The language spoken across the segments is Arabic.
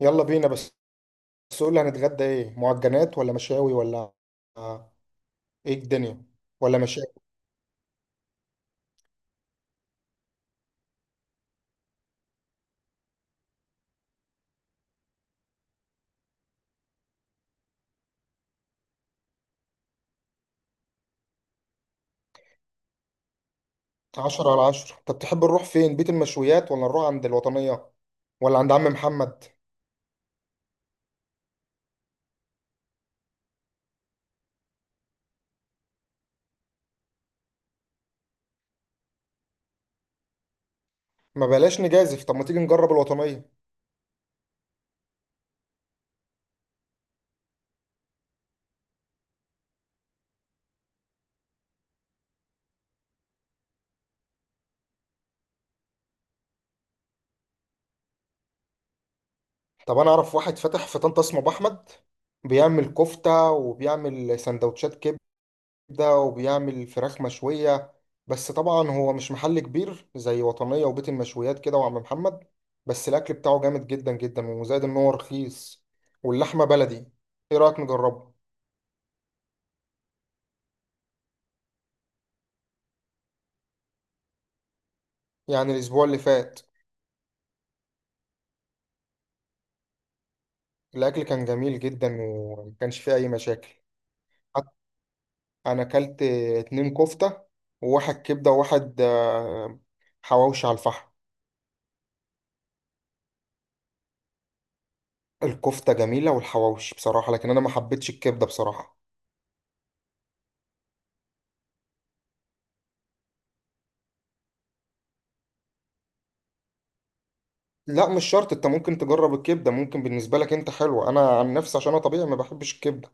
يلا بينا. بس قول لي، هنتغدى ايه؟ معجنات ولا مشاوي ولا آه، ايه الدنيا؟ ولا مشاوي. عشرة على عشرة. طب تحب نروح فين؟ بيت المشويات ولا نروح عند الوطنية ولا عند عم محمد؟ ما بلاش نجازف، طب ما تيجي نجرب الوطنية. طب انا اعرف واحد فاتح في طنطا اسمه ابو احمد، بيعمل كفتة وبيعمل سندوتشات كبدة، ده وبيعمل فراخ مشوية. بس طبعا هو مش محل كبير زي وطنية وبيت المشويات كده وعم محمد، بس الأكل بتاعه جامد جدا جدا، وزائد إن هو رخيص واللحمة بلدي. إيه رأيك نجربه؟ يعني الأسبوع اللي فات، الأكل كان جميل جدا، ومكانش فيه أي مشاكل. حت- أنا أكلت اتنين كفتة، وواحد كبدة، وواحد حواوشي على الفحم. الكفتة جميلة والحواوشي بصراحة، لكن أنا ما حبيتش الكبدة بصراحة. لا مش شرط، انت ممكن تجرب الكبده، ممكن بالنسبه لك انت حلوه. انا عن نفسي، عشان انا طبيعي، ما بحبش الكبده.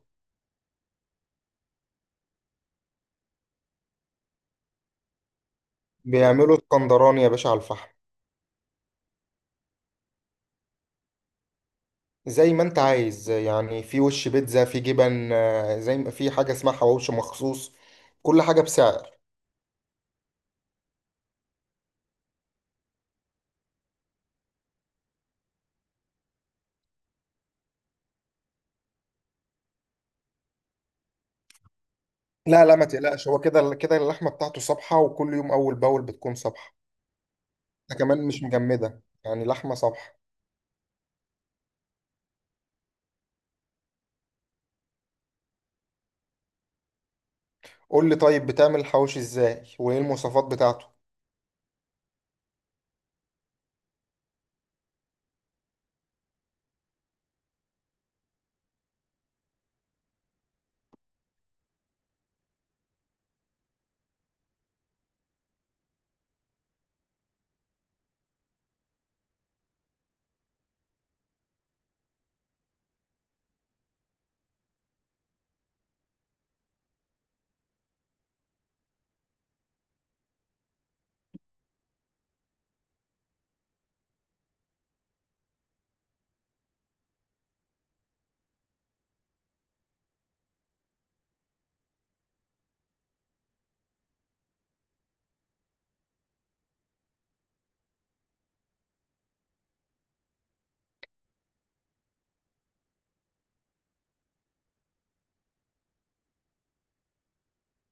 بيعملوا اسكندراني يا باشا، على الفحم. زي ما انت عايز يعني، في وش بيتزا، في جبن، زي ما في حاجه اسمها حواوشي مخصوص. كل حاجه بسعر. لا لا ما تقلقش، هو كده كده اللحمه بتاعته صبحه، وكل يوم اول باول بتكون صبحه. ده كمان مش مجمده، يعني لحمه صبحه. قول لي طيب، بتعمل الحواوشي ازاي؟ وايه المواصفات بتاعته؟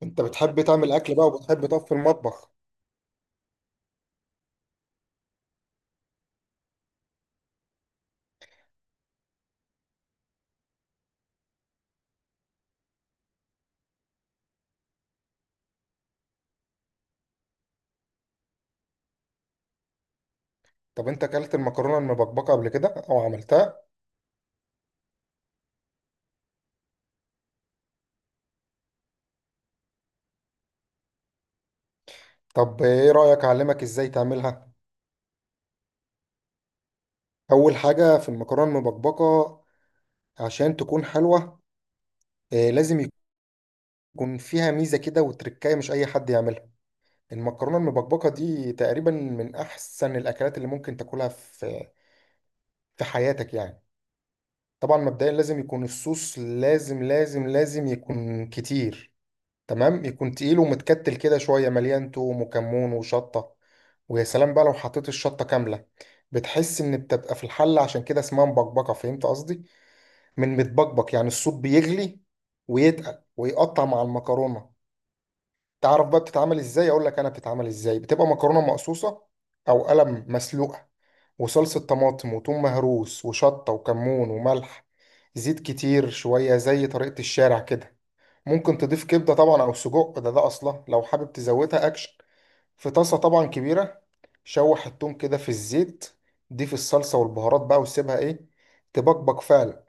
انت بتحب تعمل اكل بقى وبتحب تقف في المطبخ؟ طب انت اكلت المكرونه المبكبكه قبل كده او عملتها؟ طب ايه رايك اعلمك ازاي تعملها؟ اول حاجه في المكرونه المبكبكه، عشان تكون حلوه، لازم يكون فيها ميزه كده وتركايه، مش اي حد يعملها. المكرونه المبكبكه دي تقريبا من احسن الاكلات اللي ممكن تاكلها في حياتك يعني. طبعا مبدئيا لازم يكون الصوص، لازم لازم لازم يكون كتير. تمام، يكون تقيل ومتكتل كده شوية، مليان توم وكمون وشطة. ويا سلام بقى لو حطيت الشطة كاملة، بتحس إن بتبقى في الحلة، عشان كده اسمها مبكبكة. فهمت قصدي؟ من متبكبك، يعني الصوت بيغلي ويتقل ويقطع مع المكرونة. تعرف بقى بتتعمل إزاي؟ أقول لك أنا بتتعمل إزاي. بتبقى مكرونة مقصوصة أو قلم مسلوقة، وصلصة طماطم وتوم مهروس وشطة وكمون وملح، زيت كتير شوية، زي طريقة الشارع كده. ممكن تضيف كبدة طبعا أو سجق، ده أصلا لو حابب تزودها أكشن. في طاسة طبعا كبيرة، شوح التوم كده في الزيت، ضيف الصلصة والبهارات بقى، وسيبها إيه، تبقبق فعلا.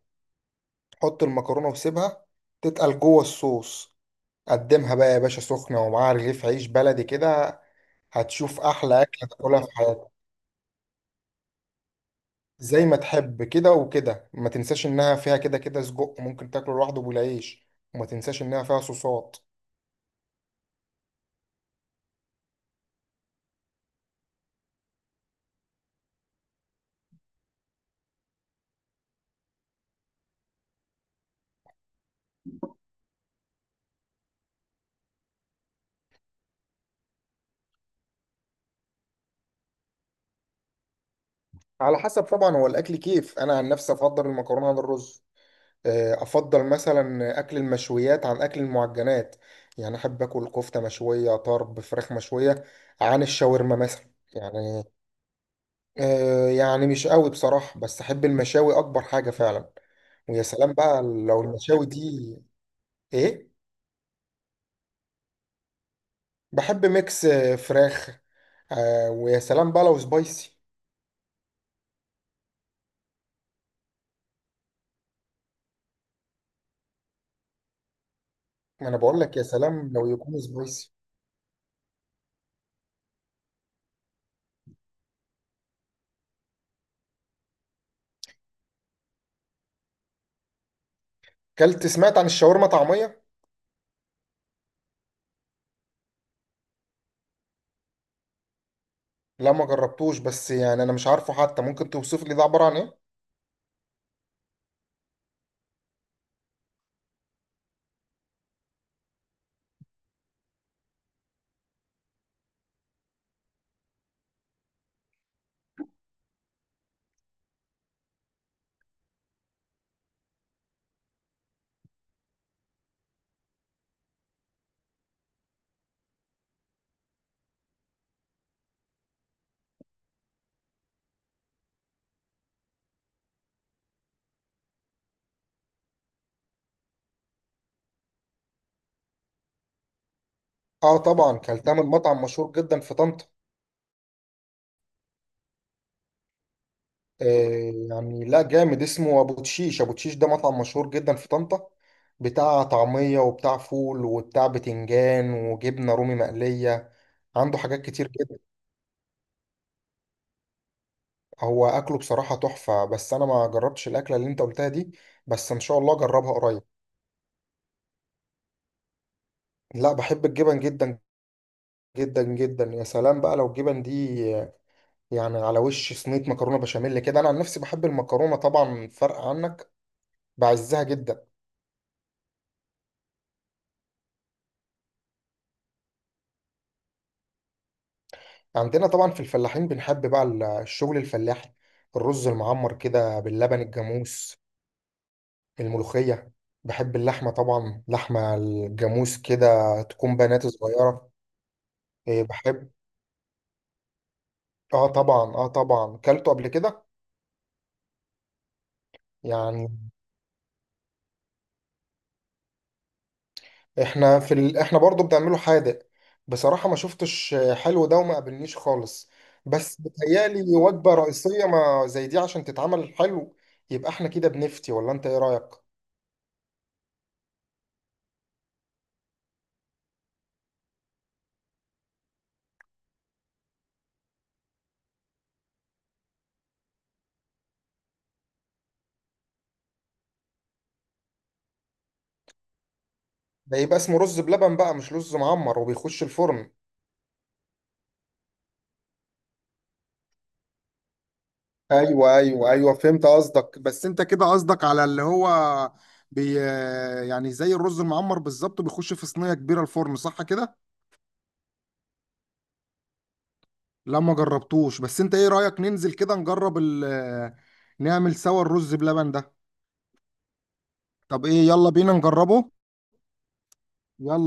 حط المكرونة وسيبها تتقل جوه الصوص. قدمها بقى يا باشا سخنة، ومعاها رغيف عيش بلدي كده. هتشوف أحلى أكلة تاكلها في حياتك. زي ما تحب كده، وكده ما تنساش إنها فيها كده كده سجق، ممكن تاكله لوحده بالعيش. وما تنساش إنها فيها صوصات. على حسب طبعا، هو الاكل كيف. انا عن نفسي افضل المكرونه عن الرز. افضل مثلا اكل المشويات عن اكل المعجنات. يعني احب اكل كفته مشويه، طرب، فراخ مشويه، عن الشاورما مثلا. يعني يعني مش قوي بصراحه، بس احب المشاوي اكبر حاجه فعلا. ويا سلام بقى لو المشاوي دي ايه. بحب ميكس، فراخ. ويا سلام بقى لو سبايسي. ما انا بقول لك، يا سلام لو يكون سبايسي. كلت سمعت عن الشاورما طعميه؟ لا ما جربتوش، بس يعني انا مش عارفه حتى، ممكن توصف لي ده عباره عن ايه؟ اه طبعا، كلتها من مطعم مشهور جدا في طنطا. آه يعني، لا جامد، اسمه ابو تشيش. ابو تشيش ده مطعم مشهور جدا في طنطا، بتاع طعميه وبتاع فول وبتاع بتنجان وجبنه رومي مقليه. عنده حاجات كتير جدا. هو اكله بصراحه تحفه، بس انا ما جربتش الاكله اللي انت قلتها دي، بس ان شاء الله اجربها قريب. لا بحب الجبن جدا جدا جدا. يا سلام بقى لو الجبن دي يعني على وش صينية مكرونة بشاميل كده. أنا عن نفسي بحب المكرونة طبعا، فرق عنك، بعزها جدا. عندنا طبعا في الفلاحين بنحب بقى الشغل الفلاحي. الرز المعمر كده باللبن الجاموس، الملوخية. بحب اللحمة طبعا، لحمة الجاموس كده، تكون بنات صغيرة. إيه، بحب. اه طبعا، اه طبعا كلته قبل كده. يعني احنا احنا برضو بنعمله حادق. بصراحة ما شفتش حلو ده، وما قابلنيش خالص. بس بتهيألي وجبة رئيسية ما زي دي عشان تتعمل حلو. يبقى احنا كده بنفتي ولا انت ايه رأيك؟ ده يبقى اسمه رز بلبن بقى، مش رز معمر وبيخش الفرن. ايوه ايوه ايوه، فهمت قصدك. بس انت كده قصدك على اللي هو بي يعني زي الرز المعمر بالظبط، بيخش في صينيه كبيره الفرن، صح كده؟ لا ما جربتوش، بس انت ايه رايك ننزل كده نجرب نعمل سوا الرز بلبن ده. طب ايه، يلا بينا نجربه. يلا.